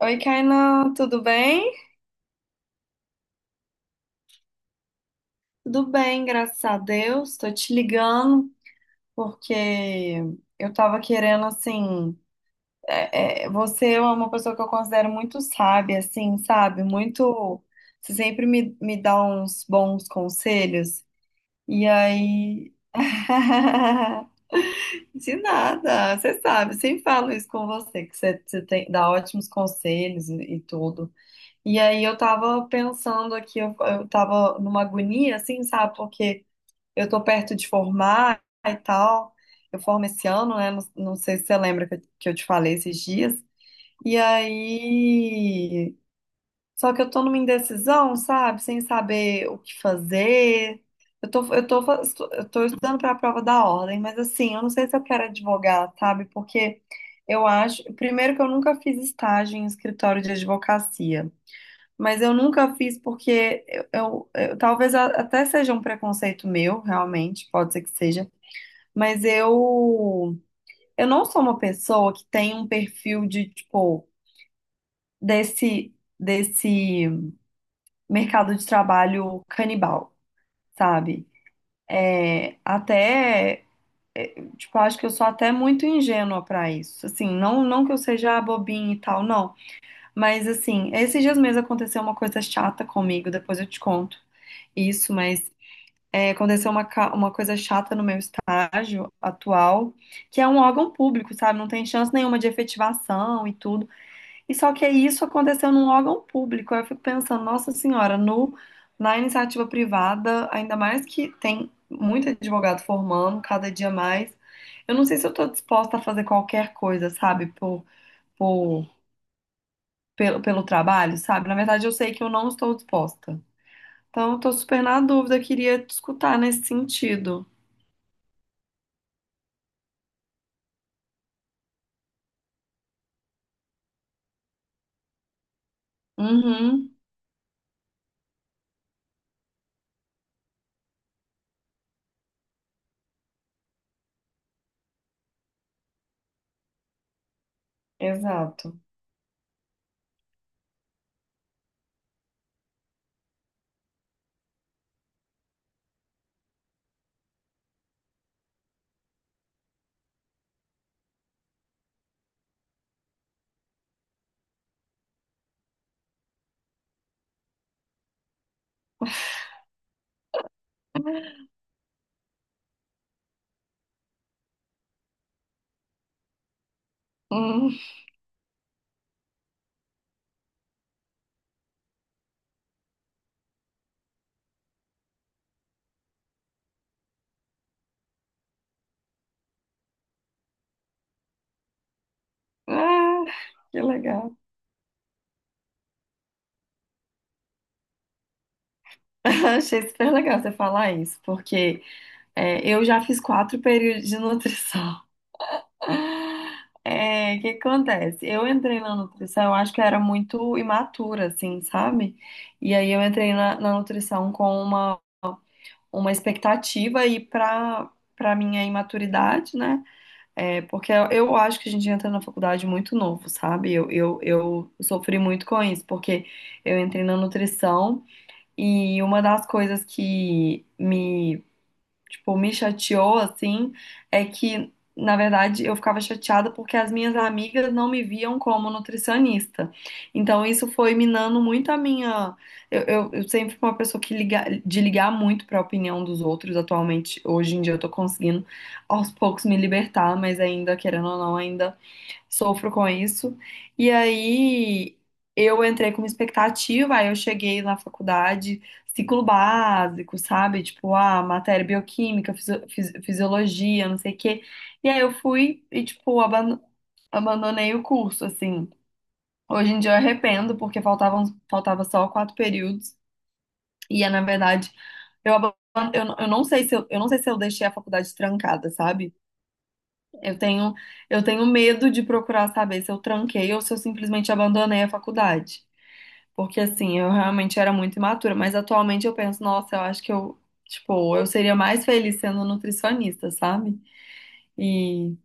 Oi, Kainan, tudo bem? Tudo bem, graças a Deus. Tô te ligando porque eu tava querendo, assim, você é uma pessoa que eu considero muito sábia, assim, sabe? Muito, você sempre me dá uns bons conselhos. E aí... De nada, você sabe, sempre falo isso com você, que você tem, dá ótimos conselhos e tudo. E aí eu tava pensando aqui, eu tava numa agonia, assim, sabe? Porque eu tô perto de formar e tal. Eu formo esse ano, né? Não, não sei se você lembra que eu te falei esses dias. E aí. Só que eu tô numa indecisão, sabe? Sem saber o que fazer. Eu tô, eu tô, fa- eu tô estudando pra prova da ordem, mas assim, eu não sei se eu quero advogar, sabe? Porque eu acho. Primeiro que eu nunca fiz estágio em escritório de advocacia. Mas eu nunca fiz porque talvez até seja um preconceito meu, realmente, pode ser que seja, mas eu não sou uma pessoa que tem um perfil de tipo desse desse mercado de trabalho canibal, sabe? É, até é, tipo, acho que eu sou até muito ingênua pra isso. Assim, não que eu seja bobinha e tal, não, mas assim, esses dias mesmo aconteceu uma coisa chata comigo, depois eu te conto isso, mas aconteceu uma coisa chata no meu estágio atual, que é um órgão público, sabe? Não tem chance nenhuma de efetivação e tudo. E só que isso aconteceu num órgão público. Aí eu fico pensando, nossa senhora, no, na iniciativa privada, ainda mais que tem muito advogado formando, cada dia mais. Eu não sei se eu estou disposta a fazer qualquer coisa, sabe? Por, pelo trabalho, sabe? Na verdade, eu sei que eu não estou disposta. Então, eu tô super na dúvida, eu queria te escutar nesse sentido. Uhum, exato. Hum, ah, que legal. Achei super legal você falar isso, porque eu já fiz quatro períodos de nutrição. É, o que acontece? Eu entrei na nutrição, eu acho que eu era muito imatura, assim, sabe? E aí eu entrei na nutrição com uma expectativa e para minha imaturidade, né? É, porque eu acho que a gente entra na faculdade muito novo, sabe? Eu sofri muito com isso, porque eu entrei na nutrição e uma das coisas que me tipo, me chateou, assim, é que, na verdade, eu ficava chateada porque as minhas amigas não me viam como nutricionista. Então, isso foi minando muito a minha. Eu sempre fui uma pessoa que liga, de ligar muito para a opinião dos outros. Atualmente, hoje em dia, eu tô conseguindo aos poucos me libertar, mas ainda, querendo ou não, ainda sofro com isso. E aí eu entrei com uma expectativa, aí eu cheguei na faculdade, ciclo básico, sabe? Tipo, ah, matéria bioquímica, fisiologia, não sei o quê. E aí eu fui e, tipo, abandonei o curso, assim. Hoje em dia eu arrependo, porque faltava só quatro períodos. Na verdade, eu, aban- eu não sei se eu, eu não sei se eu deixei a faculdade trancada, sabe? Eu tenho, eu tenho medo de procurar saber se eu tranquei ou se eu simplesmente abandonei a faculdade. Porque assim, eu realmente era muito imatura, mas atualmente eu penso, nossa, eu acho que eu, tipo, eu seria mais feliz sendo nutricionista, sabe? E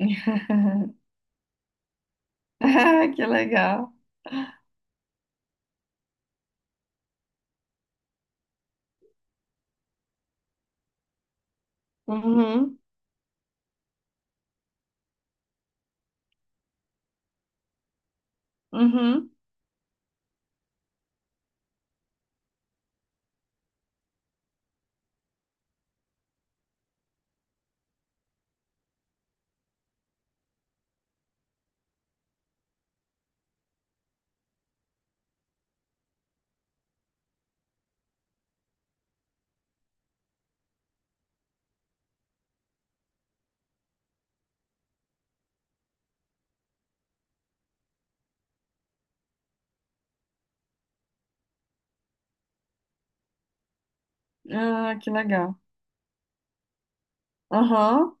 Ah, que legal. Uhum, uhum. Ah, que legal. Aham,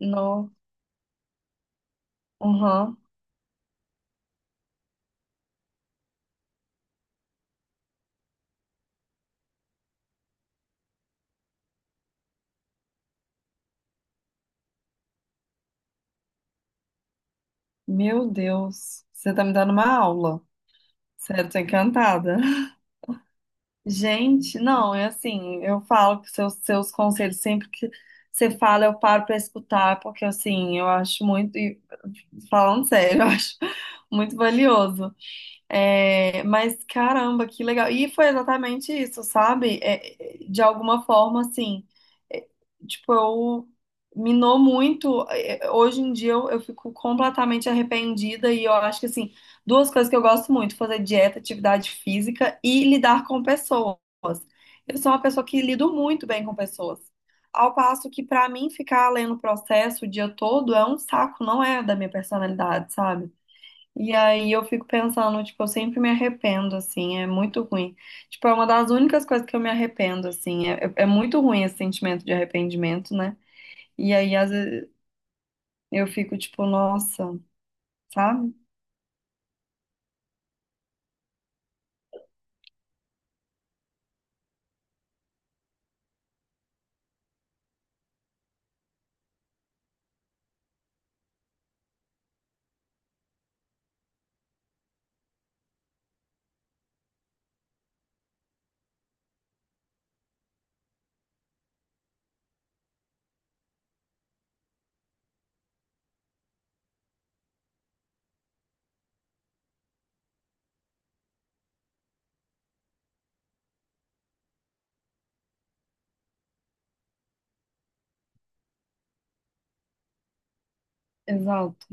no, aham. Meu Deus, você tá me dando uma aula. Certo, encantada. Gente, não, é assim, eu falo que seus conselhos, sempre que você fala, eu paro para escutar, porque assim, eu acho muito, e falando sério, eu acho muito valioso. É, mas caramba, que legal. E foi exatamente isso, sabe? É, de alguma forma, assim, é, tipo, eu minou muito. Hoje em dia eu fico completamente arrependida e eu acho que, assim, duas coisas que eu gosto muito, fazer dieta, atividade física e lidar com pessoas. Eu sou uma pessoa que lido muito bem com pessoas. Ao passo que, pra mim, ficar lendo o processo o dia todo é um saco, não é da minha personalidade, sabe? E aí eu fico pensando, tipo, eu sempre me arrependo, assim, é muito ruim. Tipo, é uma das únicas coisas que eu me arrependo, assim, é muito ruim esse sentimento de arrependimento, né? E aí, às vezes, eu fico, tipo, nossa, sabe? Exato.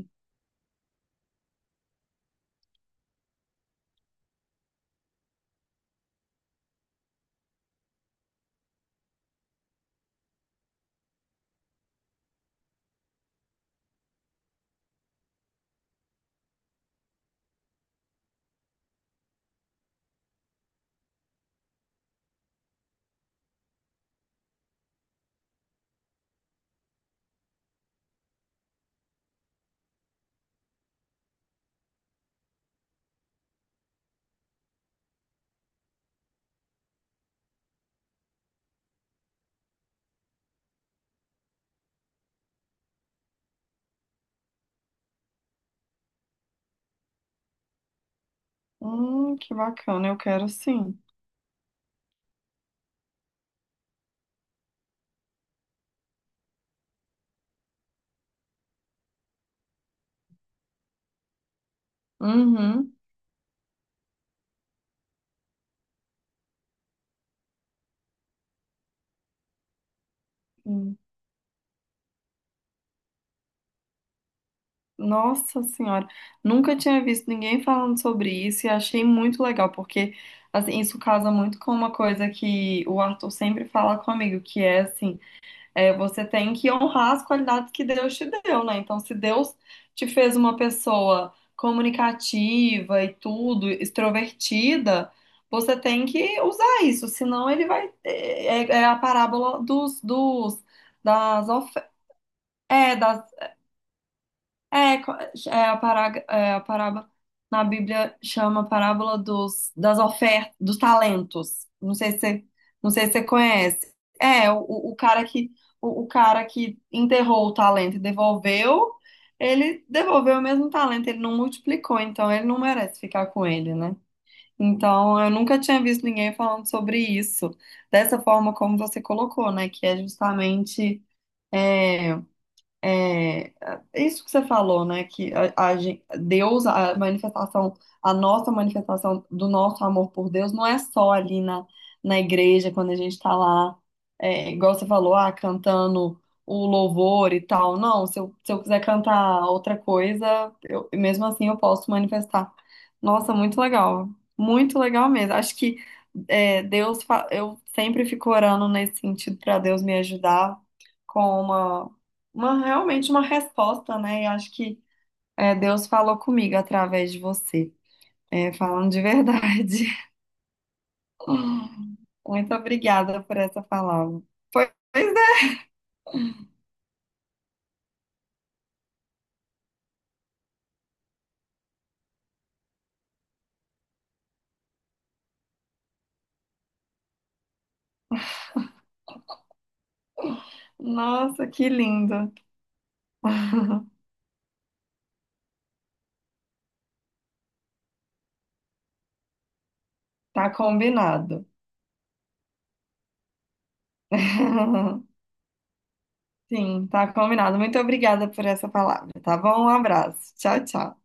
Que bacana, eu quero sim. Uhum. Hum. Nossa Senhora, nunca tinha visto ninguém falando sobre isso e achei muito legal, porque, assim, isso casa muito com uma coisa que o Arthur sempre fala comigo, que é, assim, é, você tem que honrar as qualidades que Deus te deu, né? Então, se Deus te fez uma pessoa comunicativa e tudo, extrovertida, você tem que usar isso, senão ele vai. É, é a parábola dos, dos, das, of... é, das é, co- é a, pará- é a parábola na Bíblia chama parábola das ofertas, dos talentos. Não sei se não sei se você conhece. É, o, o o cara que o cara que enterrou o talento e devolveu, ele devolveu o mesmo talento, ele não multiplicou, então ele não merece ficar com ele, né? Então, eu nunca tinha visto ninguém falando sobre isso, dessa forma como você colocou, né? Que é justamente é, é, é isso que você falou, né? Que Deus, a nossa manifestação do nosso amor por Deus não é só ali na igreja, quando a gente tá lá, igual você falou, ah, cantando o louvor e tal. Não, se eu quiser cantar outra coisa, mesmo assim eu posso manifestar. Nossa, muito legal. Muito legal mesmo. Acho que eu sempre fico orando nesse sentido para Deus me ajudar com realmente uma resposta, né? E acho que Deus falou comigo através de você, falando de verdade. Muito obrigada por essa palavra. Pois é, nossa, que lindo. Tá combinado. Sim, tá combinado. Muito obrigada por essa palavra, tá bom? Um abraço. Tchau, tchau.